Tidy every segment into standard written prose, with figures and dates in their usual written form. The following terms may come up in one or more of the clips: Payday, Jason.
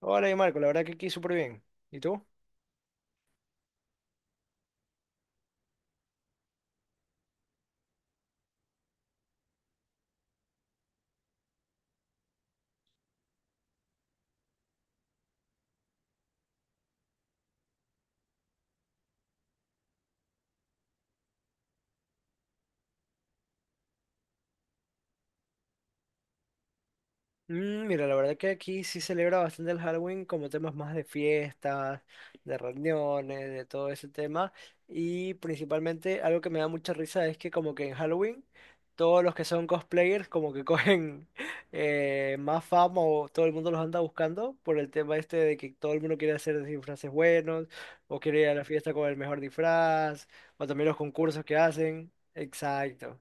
Hola, y Marco, la verdad que aquí súper bien. ¿Y tú? Mira, la verdad que aquí sí celebra bastante el Halloween como temas más de fiestas, de reuniones, de todo ese tema. Y principalmente algo que me da mucha risa es que como que en Halloween todos los que son cosplayers como que cogen más fama o todo el mundo los anda buscando por el tema este de que todo el mundo quiere hacer disfraces buenos o quiere ir a la fiesta con el mejor disfraz o también los concursos que hacen. Exacto.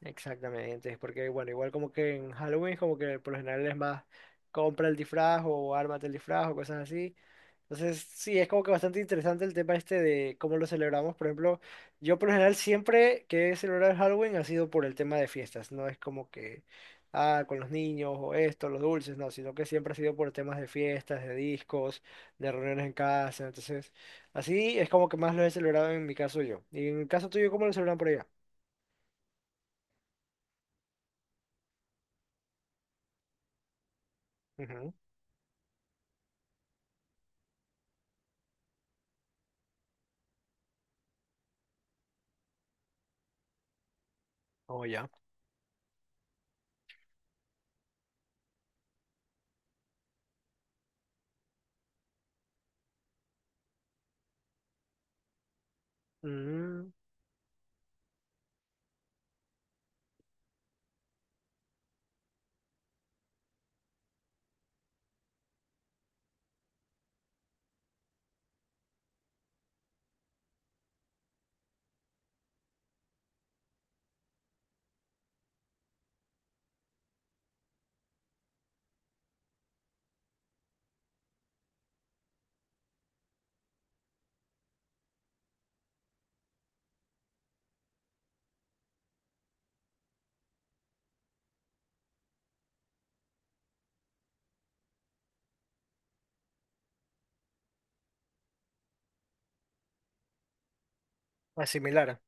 Exactamente, porque bueno, igual como que en Halloween como que por lo general es más compra el disfraz o ármate el disfraz o cosas así. Entonces, sí, es como que bastante interesante el tema este de cómo lo celebramos. Por ejemplo, yo por lo general siempre que he celebrado el Halloween ha sido por el tema de fiestas, no es como que, ah, con los niños o esto, los dulces, no, sino que siempre ha sido por temas de fiestas, de discos, de reuniones en casa. Entonces, así es como que más lo he celebrado en mi caso yo. Y en el caso tuyo, ¿cómo lo celebran por allá? Ujú. Oh, ya. Mm, asimilar.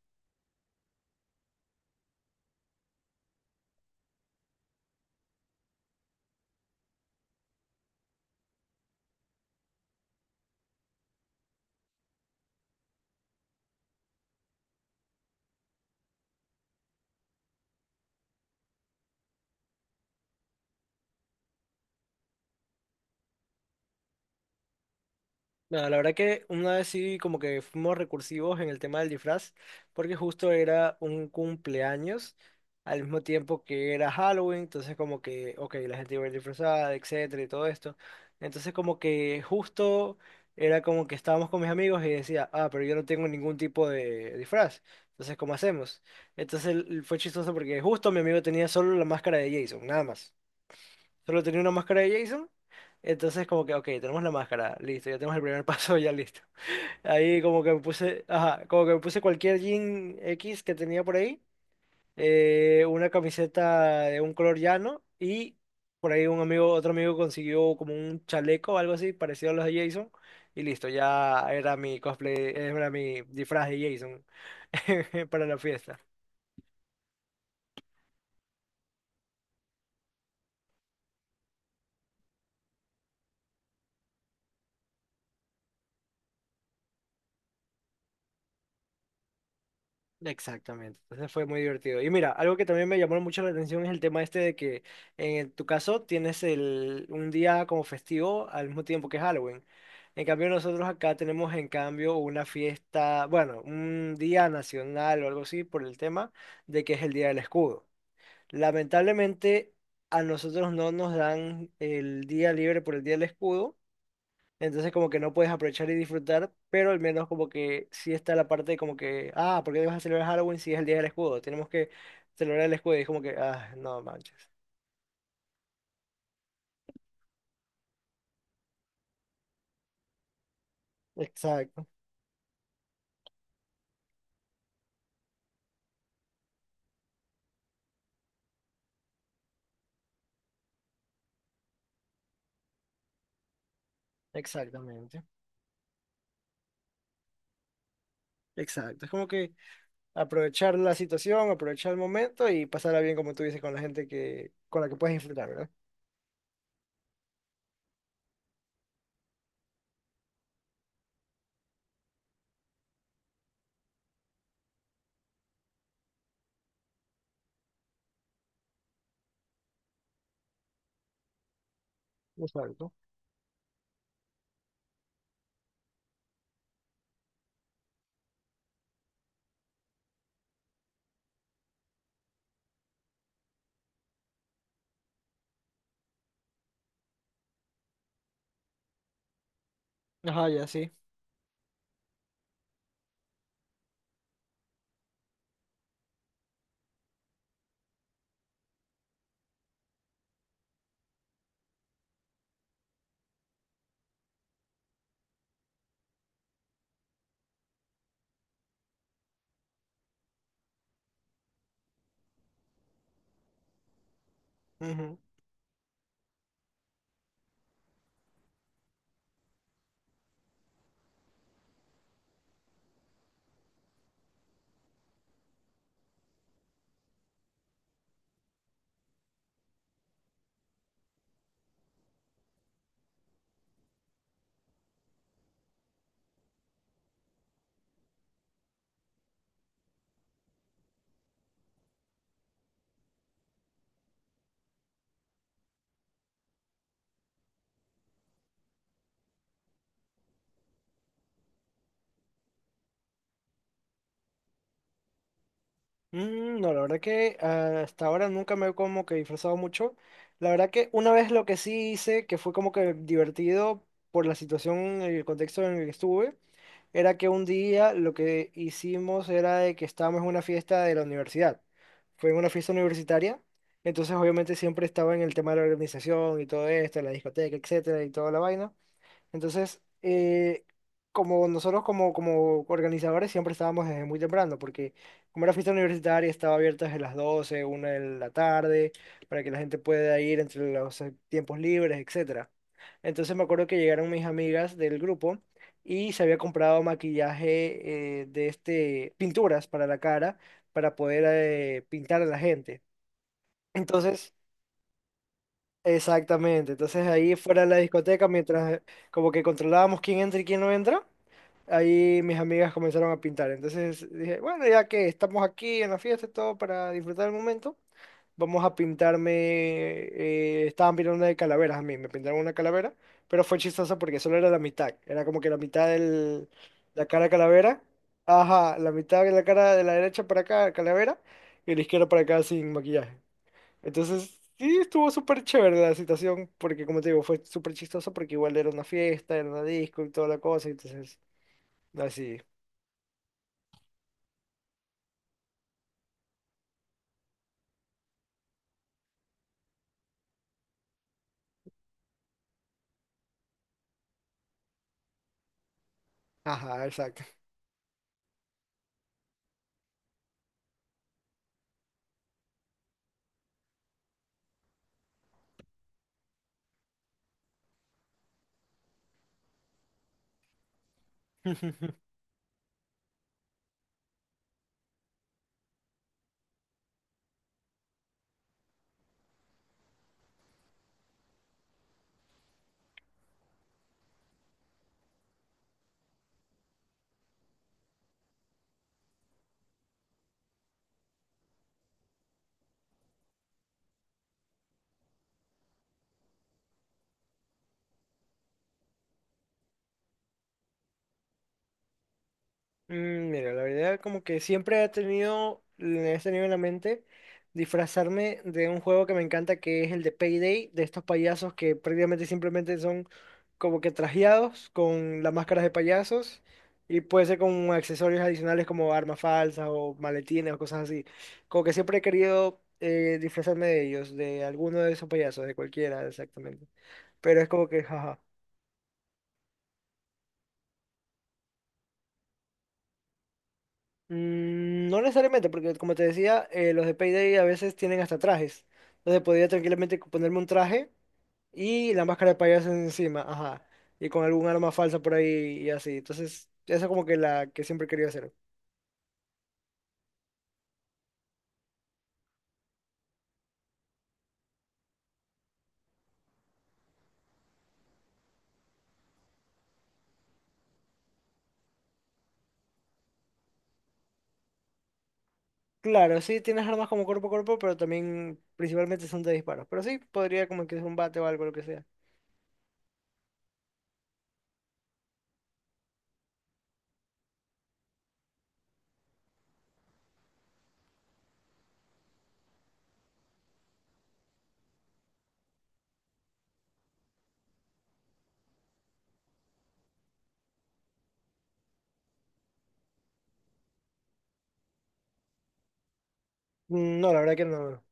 Nada, la verdad que una vez sí como que fuimos recursivos en el tema del disfraz, porque justo era un cumpleaños, al mismo tiempo que era Halloween, entonces como que, ok, la gente iba a ir disfrazada, etcétera, y todo esto. Entonces como que justo era como que estábamos con mis amigos y decía, ah, pero yo no tengo ningún tipo de disfraz, entonces ¿cómo hacemos? Fue chistoso porque justo mi amigo tenía solo la máscara de Jason, nada más. Solo tenía una máscara de Jason. Entonces como que, ok, tenemos la máscara, listo, ya tenemos el primer paso, ya listo. Ahí como que me puse, ajá, como que me puse cualquier jean X que tenía por ahí, una camiseta de un color llano y por ahí un amigo, otro amigo consiguió como un chaleco o algo así parecido a los de Jason y listo, ya era mi cosplay, era mi disfraz de Jason para la fiesta. Exactamente, entonces fue muy divertido. Y mira, algo que también me llamó mucho la atención es el tema este de que en tu caso tienes el, un día como festivo al mismo tiempo que Halloween. En cambio nosotros acá tenemos en cambio una fiesta, bueno, un día nacional o algo así por el tema de que es el Día del Escudo. Lamentablemente a nosotros no nos dan el día libre por el Día del Escudo. Entonces como que no puedes aprovechar y disfrutar, pero al menos como que sí está la parte de como que, ah, ¿por qué vas a celebrar Halloween si es el día del escudo? Tenemos que celebrar el escudo y es como que, ah, no manches. Exacto, exactamente. Exacto. Es como que aprovechar la situación, aprovechar el momento y pasarla bien, como tú dices, con la gente que, con la que puedes disfrutar, ¿verdad? Exacto. Ajá, ya sí. Ujú. Mm, no, la verdad que ah, hasta ahora nunca me he como que disfrazado mucho. La verdad que una vez lo que sí hice, que fue como que divertido por la situación, el contexto en el que estuve, era que un día lo que hicimos era de que estábamos en una fiesta de la universidad. Fue en una fiesta universitaria, entonces obviamente siempre estaba en el tema de la organización y todo esto, la discoteca, etcétera, y toda la vaina. Entonces, como nosotros como organizadores siempre estábamos desde muy temprano, porque como era fiesta universitaria estaba abierta desde las doce una de la tarde, para que la gente pueda ir entre los tiempos libres, etcétera. Entonces me acuerdo que llegaron mis amigas del grupo y se había comprado maquillaje de este, pinturas para la cara, para poder pintar a la gente. Entonces, exactamente, entonces ahí fuera de la discoteca, mientras como que controlábamos quién entra y quién no entra, ahí mis amigas comenzaron a pintar. Entonces dije, bueno, ya que estamos aquí en la fiesta y todo para disfrutar el momento, vamos a pintarme. Estaban pintando una de calaveras a mí, me pintaron una calavera, pero fue chistoso porque solo era la mitad. Era como que la mitad de la cara de calavera. Ajá, la mitad de la cara de la derecha para acá, calavera, y la izquierda para acá sin maquillaje. Entonces, sí, estuvo súper chévere la situación, porque como te digo, fue súper chistoso porque igual era una fiesta, era una disco y toda la cosa, entonces, así. Ajá, exacto. Mm, mira, la verdad como que siempre he tenido en la mente disfrazarme de un juego que me encanta que es el de Payday, de estos payasos que prácticamente simplemente son como que trajeados con las máscaras de payasos y puede ser con accesorios adicionales como armas falsas o maletines o cosas así. Como que siempre he querido disfrazarme de ellos, de alguno de esos payasos, de cualquiera exactamente. Pero es como que, jaja. Mm, no necesariamente, porque como te decía, los de Payday a veces tienen hasta trajes. Entonces podría tranquilamente ponerme un traje y la máscara de payaso encima, ajá. Y con algún arma falsa por ahí y así. Entonces, esa es como que la que siempre quería hacer. Claro, sí tienes armas como cuerpo a cuerpo, pero también principalmente son de disparos. Pero sí, podría como que es un bate o algo, lo que sea. Mm, no, la verdad que no.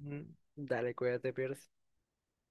Mm, dale, cuídate, Pierce.